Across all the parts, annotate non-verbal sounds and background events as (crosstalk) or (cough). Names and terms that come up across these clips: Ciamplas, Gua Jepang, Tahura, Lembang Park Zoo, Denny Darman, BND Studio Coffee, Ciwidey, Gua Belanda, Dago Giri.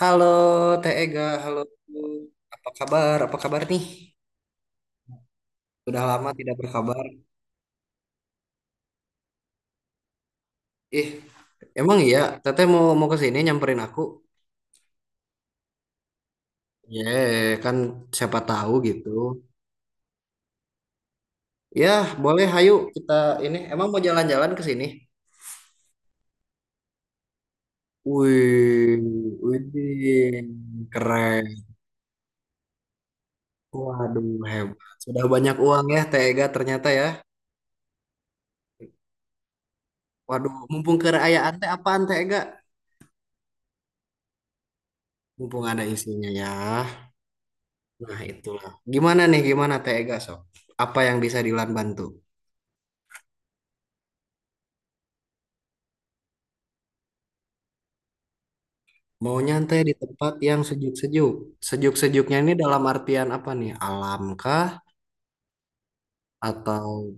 Halo Teh Ega, halo. Apa kabar? Apa kabar nih? Sudah lama tidak berkabar. Ih, emang iya Teteh mau mau ke sini nyamperin aku? Ye, kan siapa tahu gitu. Ya, boleh hayu kita ini emang mau jalan-jalan ke sini. Wih, wih, keren. Waduh, hebat. Sudah banyak uang ya Teh Ega ternyata ya. Waduh, mumpung kekayaan teh apaan Teh Ega? Mumpung ada isinya ya. Nah, itulah. Gimana nih, gimana Tega Sob? Apa yang bisa Dilan bantu? Mau nyantai di tempat yang sejuk-sejuk. Sejuk-sejuknya ini dalam artian apa nih? Alam kah? Atau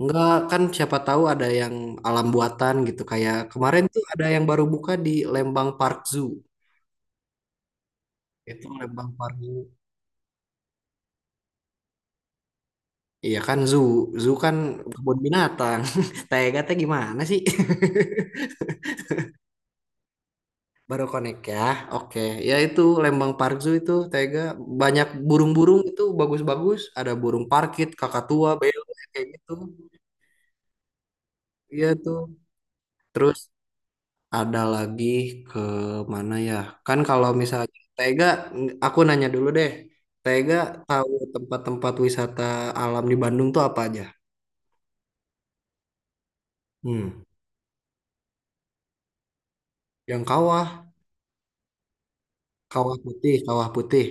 enggak kan siapa tahu ada yang alam buatan gitu. Kayak kemarin tuh ada yang baru buka di Lembang Park Zoo. Itu Lembang Park Zoo. Iya kan zoo. Zoo kan kebun binatang. (laughs) Tega teh gimana sih? (laughs) Baru connect ya. Oke, ya itu Lembang Park Zoo itu Tega banyak burung-burung itu bagus-bagus, ada burung parkit, kakatua, beo kayak gitu. Iya tuh. Terus ada lagi ke mana ya? Kan kalau misalnya Tega aku nanya dulu deh. Tega tahu tempat-tempat wisata alam di Bandung tuh apa aja? Hmm, yang kawah, kawah putih.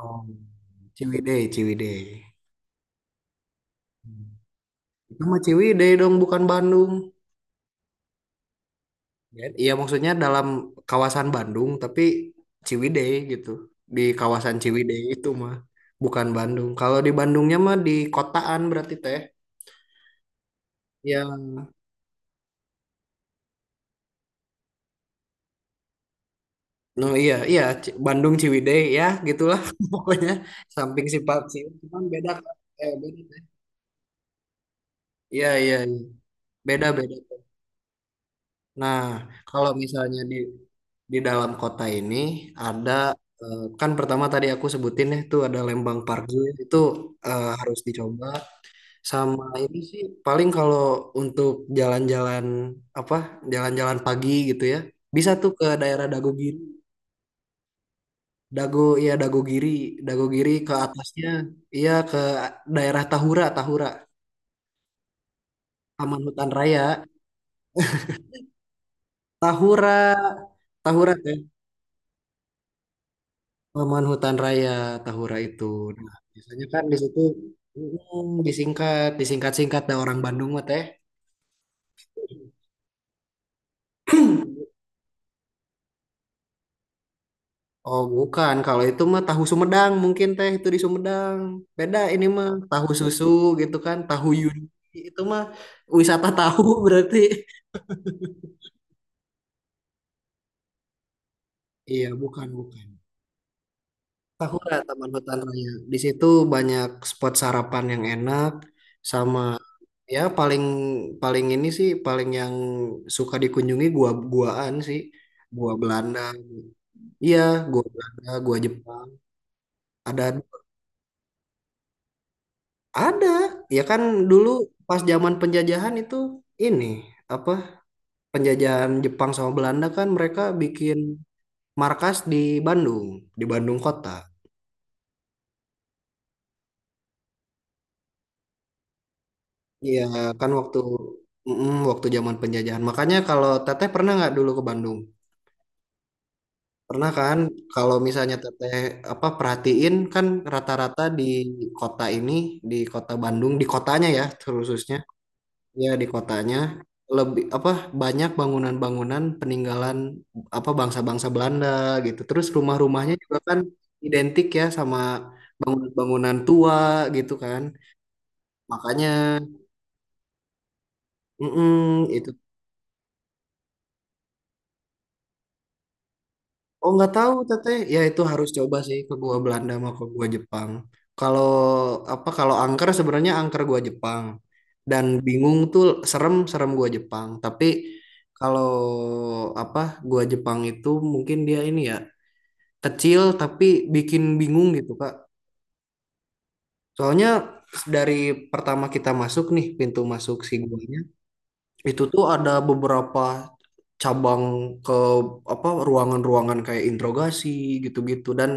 Oh, Ciwidey. Hmm. Itu mah Ciwidey dong, bukan Bandung. Ben, iya maksudnya dalam kawasan Bandung tapi Ciwidey gitu. Di kawasan Ciwidey itu mah bukan Bandung. Kalau di Bandungnya mah di kotaan berarti teh. Ya, no iya iya C- Bandung Ciwidey ya gitulah (laughs) pokoknya samping sifat sih cuman beda Kak. Eh beda teh. Iya iya Iya. Beda Beda. Teh. Nah, kalau misalnya di dalam kota ini ada kan pertama tadi aku sebutin ya tuh ada Lembang Parkir itu, harus dicoba. Sama ini sih paling kalau untuk jalan-jalan, apa, jalan-jalan pagi gitu ya bisa tuh ke daerah Dago Giri. Dago, ya Dago Giri, Dago Giri ke atasnya, iya ke daerah Tahura. Tahura Taman Hutan Raya. Tahura Tahura teh Taman Hutan Raya. Tahura itu nah biasanya kan di situ, disingkat disingkat-singkat ada orang Bandung mah teh. Oh, bukan. Kalau itu mah tahu Sumedang mungkin teh itu di Sumedang. Beda ini mah tahu susu gitu kan, tahu Yudi itu mah wisata tahu (laughs) berarti. Iya, bukan. Tahura Taman Hutan Raya. Di situ banyak spot sarapan yang enak sama, ya paling paling ini sih paling yang suka dikunjungi gua-guaan sih. Gua Belanda. Iya, gua Belanda, gua Jepang. Ada. Ada, ya kan dulu pas zaman penjajahan itu ini apa, penjajahan Jepang sama Belanda kan mereka bikin markas di Bandung kota. Iya kan waktu waktu zaman penjajahan. Makanya kalau Teteh pernah nggak dulu ke Bandung? Pernah kan? Kalau misalnya Teteh apa perhatiin kan rata-rata di kota ini, di kota Bandung, di kotanya ya, terus ya di kotanya lebih apa banyak bangunan-bangunan peninggalan apa bangsa-bangsa Belanda gitu. Terus rumah-rumahnya juga kan identik ya sama bangunan-bangunan tua gitu kan. Makanya mm-mm, itu oh nggak tahu teteh ya itu harus coba sih ke gua Belanda sama ke gua Jepang. Kalau apa kalau angker sebenarnya angker gua Jepang dan bingung tuh serem serem gua Jepang. Tapi kalau apa gua Jepang itu mungkin dia ini ya kecil tapi bikin bingung gitu Kak. Soalnya dari pertama kita masuk nih pintu masuk si guanya itu tuh ada beberapa cabang ke apa ruangan-ruangan kayak interogasi gitu-gitu dan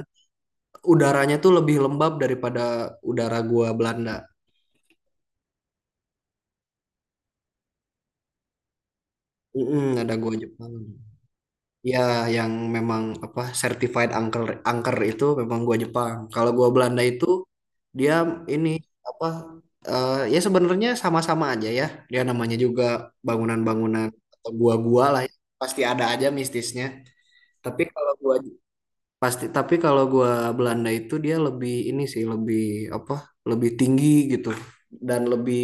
udaranya tuh lebih lembab daripada udara gua Belanda. Mm-mm, ada gua Jepang. Ya, yang memang apa certified angker, angker itu memang gua Jepang. Kalau gua Belanda itu dia ini apa, ya sebenarnya sama-sama aja ya. Dia namanya juga bangunan-bangunan atau gua-gua lah ya. Pasti ada aja mistisnya. Tapi kalau gua pasti, tapi kalau gua Belanda itu dia lebih ini sih lebih apa? Lebih tinggi gitu dan lebih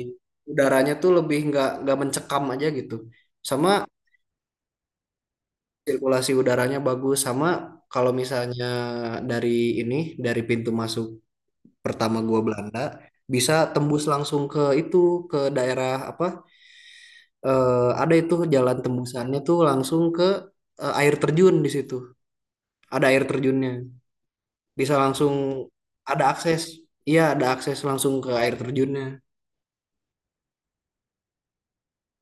udaranya tuh lebih nggak mencekam aja gitu. Sama sirkulasi udaranya bagus, sama kalau misalnya dari ini, dari pintu masuk pertama gua Belanda bisa tembus langsung ke itu ke daerah apa, ada itu jalan tembusannya tuh langsung ke, air terjun di situ ada air terjunnya bisa langsung ada akses, iya ada akses langsung ke air terjunnya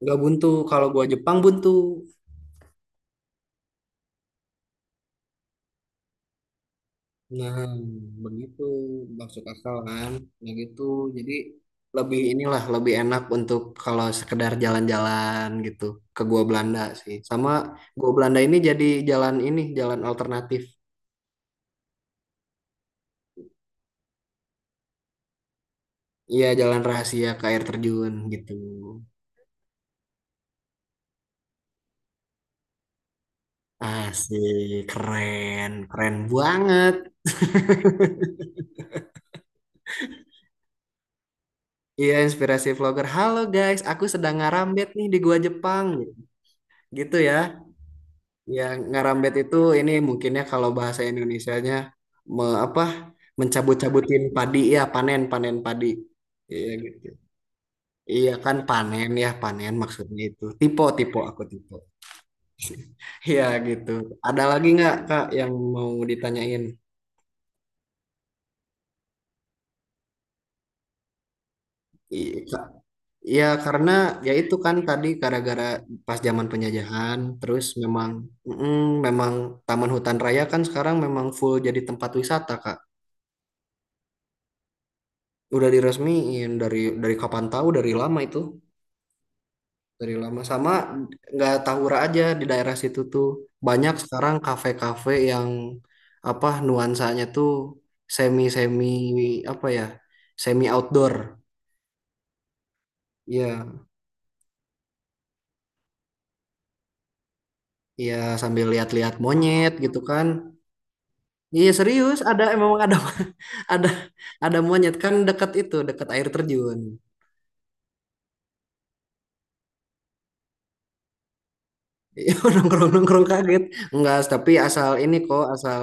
nggak buntu. Kalau gua Jepang buntu. Nah, begitu masuk akal kan? Ya gitu. Jadi lebih inilah lebih enak untuk kalau sekedar jalan-jalan gitu ke Gua Belanda sih. Sama Gua Belanda ini jadi jalan ini, jalan alternatif. Iya, jalan rahasia ke air terjun gitu. Asik, keren banget. Iya, inspirasi vlogger. Halo guys, aku sedang ngarambet nih di Gua Jepang. Gitu ya. Ya, ngarambet itu ini mungkinnya kalau bahasa Indonesianya me, apa mencabut-cabutin padi ya panen, panen padi. Iya gitu. Iya kan panen ya panen maksudnya itu. Tipe tipe aku tipe. (laughs) Iya gitu. Ada lagi nggak Kak yang mau ditanyain? I- Ka- Iya karena ya itu kan tadi gara-gara pas zaman penjajahan terus memang mm, memang Taman Hutan Raya kan sekarang memang full jadi tempat wisata Kak. Udah diresmiin dari kapan tahu, dari lama itu, dari lama. Sama nggak tahura aja di daerah situ tuh banyak sekarang kafe-kafe yang apa nuansanya tuh semi semi apa ya semi outdoor. Ya, ya sambil lihat-lihat monyet gitu kan. Iya serius ada, emang ada (laughs) ada ada monyet kan dekat itu, dekat air terjun. Iya (laughs) nongkrong nongkrong kaget, enggak tapi asal ini kok, asal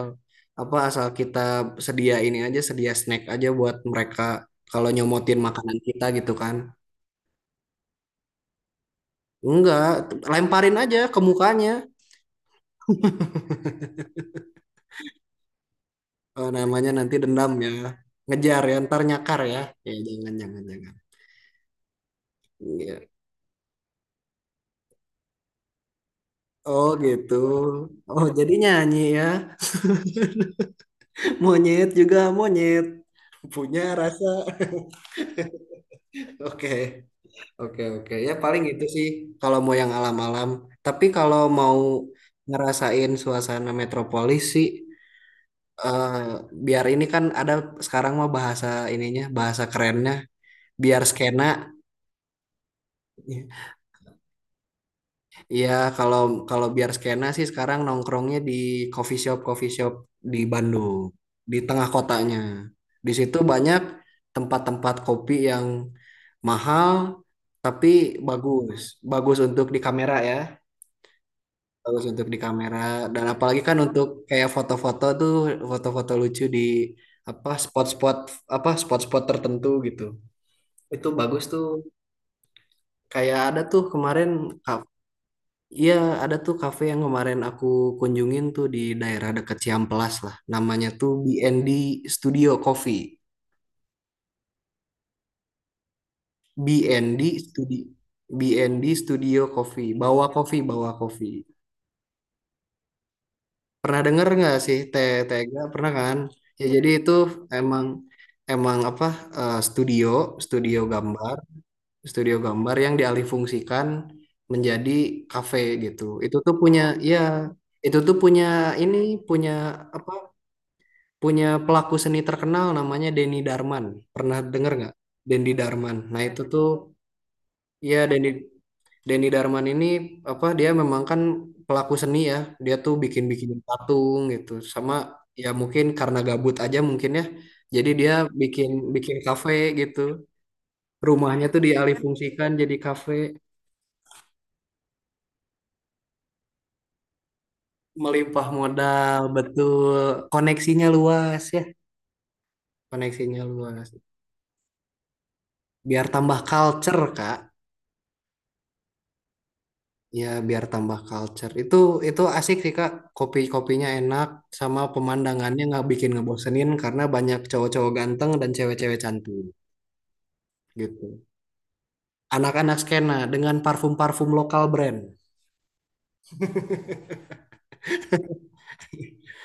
apa, asal kita sedia ini aja sedia snack aja buat mereka kalau nyomotin makanan kita gitu kan. Enggak, lemparin aja ke mukanya. Eh, namanya nanti dendam ya, ngejar ya ntar nyakar ya, ya jangan jangan jangan. Iya. Oh gitu, oh jadi nyanyi ya. (laughs) Monyet juga monyet punya rasa. Oke. Oke oke ya paling itu sih kalau mau yang alam-alam. Tapi kalau mau ngerasain suasana metropolis sih, eh, biar ini kan ada sekarang mah bahasa ininya bahasa kerennya biar skena. Iya kalau kalau biar skena sih sekarang nongkrongnya di coffee shop di Bandung di tengah kotanya. Di situ banyak tempat-tempat kopi yang mahal tapi bagus, bagus untuk di kamera ya. Bagus untuk di kamera, dan apalagi kan untuk kayak foto-foto tuh, foto-foto lucu di apa spot-spot, apa spot-spot tertentu gitu itu bagus tuh kayak ada tuh kemarin ka- iya ada tuh kafe yang kemarin aku kunjungin tuh di daerah dekat Ciamplas lah namanya tuh BND Studio Coffee. BND Studio, BND Studio Coffee, bawa kopi bawa kopi. Pernah denger nggak sih Te- Tega? Pernah kan? Ya jadi itu emang emang apa, studio studio gambar studio gambar yang dialihfungsikan menjadi kafe gitu. Itu tuh punya, ya itu tuh punya ini, punya apa, punya pelaku seni terkenal namanya Denny Darman. Pernah denger nggak? Denny Darman. Nah itu tuh ya Denny, Denny Darman ini apa dia memang kan pelaku seni ya. Dia tuh bikin-bikin patung gitu. Sama ya mungkin karena gabut aja mungkin ya. Jadi dia bikin bikin kafe gitu. Rumahnya tuh dialihfungsikan jadi kafe. Melimpah modal, betul. Koneksinya luas ya. Koneksinya luas. Biar tambah culture, Kak. Ya biar tambah culture. Itu asik sih Kak. Kopi-kopinya enak sama pemandangannya nggak bikin ngebosenin karena banyak cowok-cowok ganteng dan cewek-cewek cantik gitu. Anak-anak skena dengan parfum-parfum lokal brand. (laughs)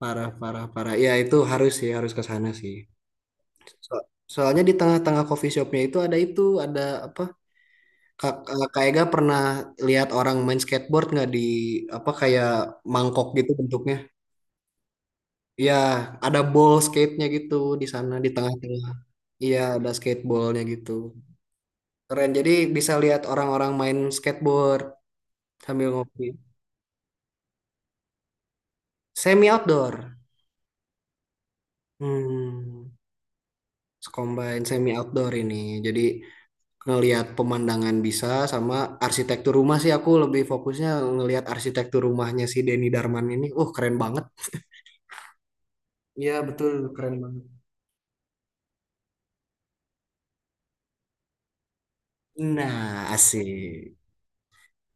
Parah. Ya itu harus sih, harus ke sana sih. So- soalnya di tengah-tengah coffee shopnya itu, ada apa? Kak, Kak Ega pernah lihat orang main skateboard nggak di apa kayak mangkok gitu bentuknya? Iya, ada ball skate-nya gitu di sana di tengah-tengah. Iya, ada skateballnya gitu. Keren. Jadi bisa lihat orang-orang main skateboard sambil ngopi. Semi outdoor. Hmm, combine semi outdoor ini. Jadi ngelihat pemandangan bisa sama arsitektur rumah sih aku lebih fokusnya ngelihat arsitektur rumahnya si Denny Darman ini. Keren banget. Iya, betul, keren banget. Nah, asik.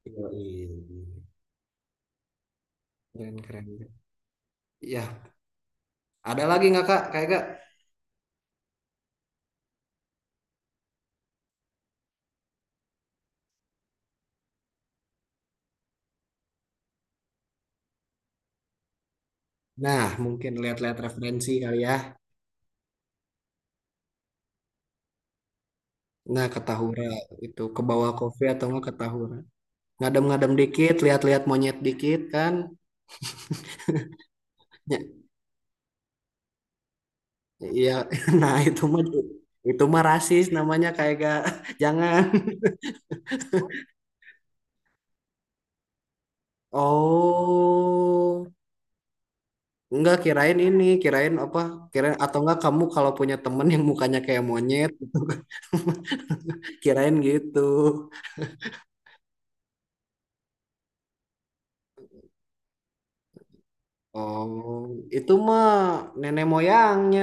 Yoi. Keren, keren. Ya, ada lagi nggak Kak? Kayak gak? Nah, mungkin lihat-lihat referensi kali ya. Nah, ke Tahura itu ke bawah kopi atau enggak ke Tahura. Ngadem-ngadem dikit, lihat-lihat monyet dikit kan. Ya, ya, (laughs) nah itu mah rasis namanya kayak gak (laughs) jangan. Oh, enggak kirain ini, kirain apa? Kirain atau enggak kamu kalau punya temen yang mukanya kayak monyet gitu. (laughs) Kirain gitu. Oh, itu mah nenek moyangnya,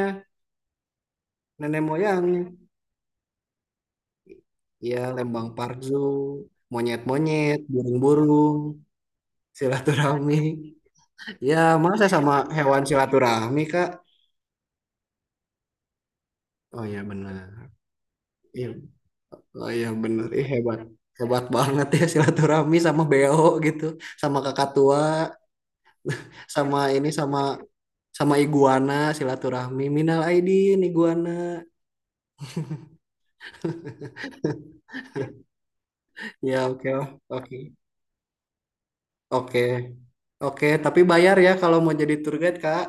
nenek moyangnya. Iya, Lembang Parjo, monyet-monyet, burung-burung, silaturahmi. Ya, masa sama hewan silaturahmi, Kak? Oh ya benar. Iya. Oh iya benar. Ih hebat. Hebat banget ya silaturahmi sama beo gitu, sama kakak tua, sama ini sama sama iguana silaturahmi. Minal Aidin iguana. Ya, oke lah. Oke. Oke. Oke, tapi bayar ya kalau mau jadi tour guide, Kak.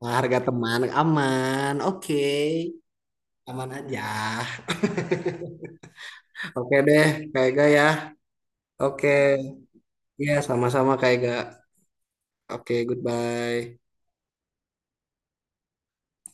Nah, harga teman aman. Oke. Aman aja. Oke deh, Kak Ega ya. Oke, ya sama-sama Kak Ega. Oke, goodbye.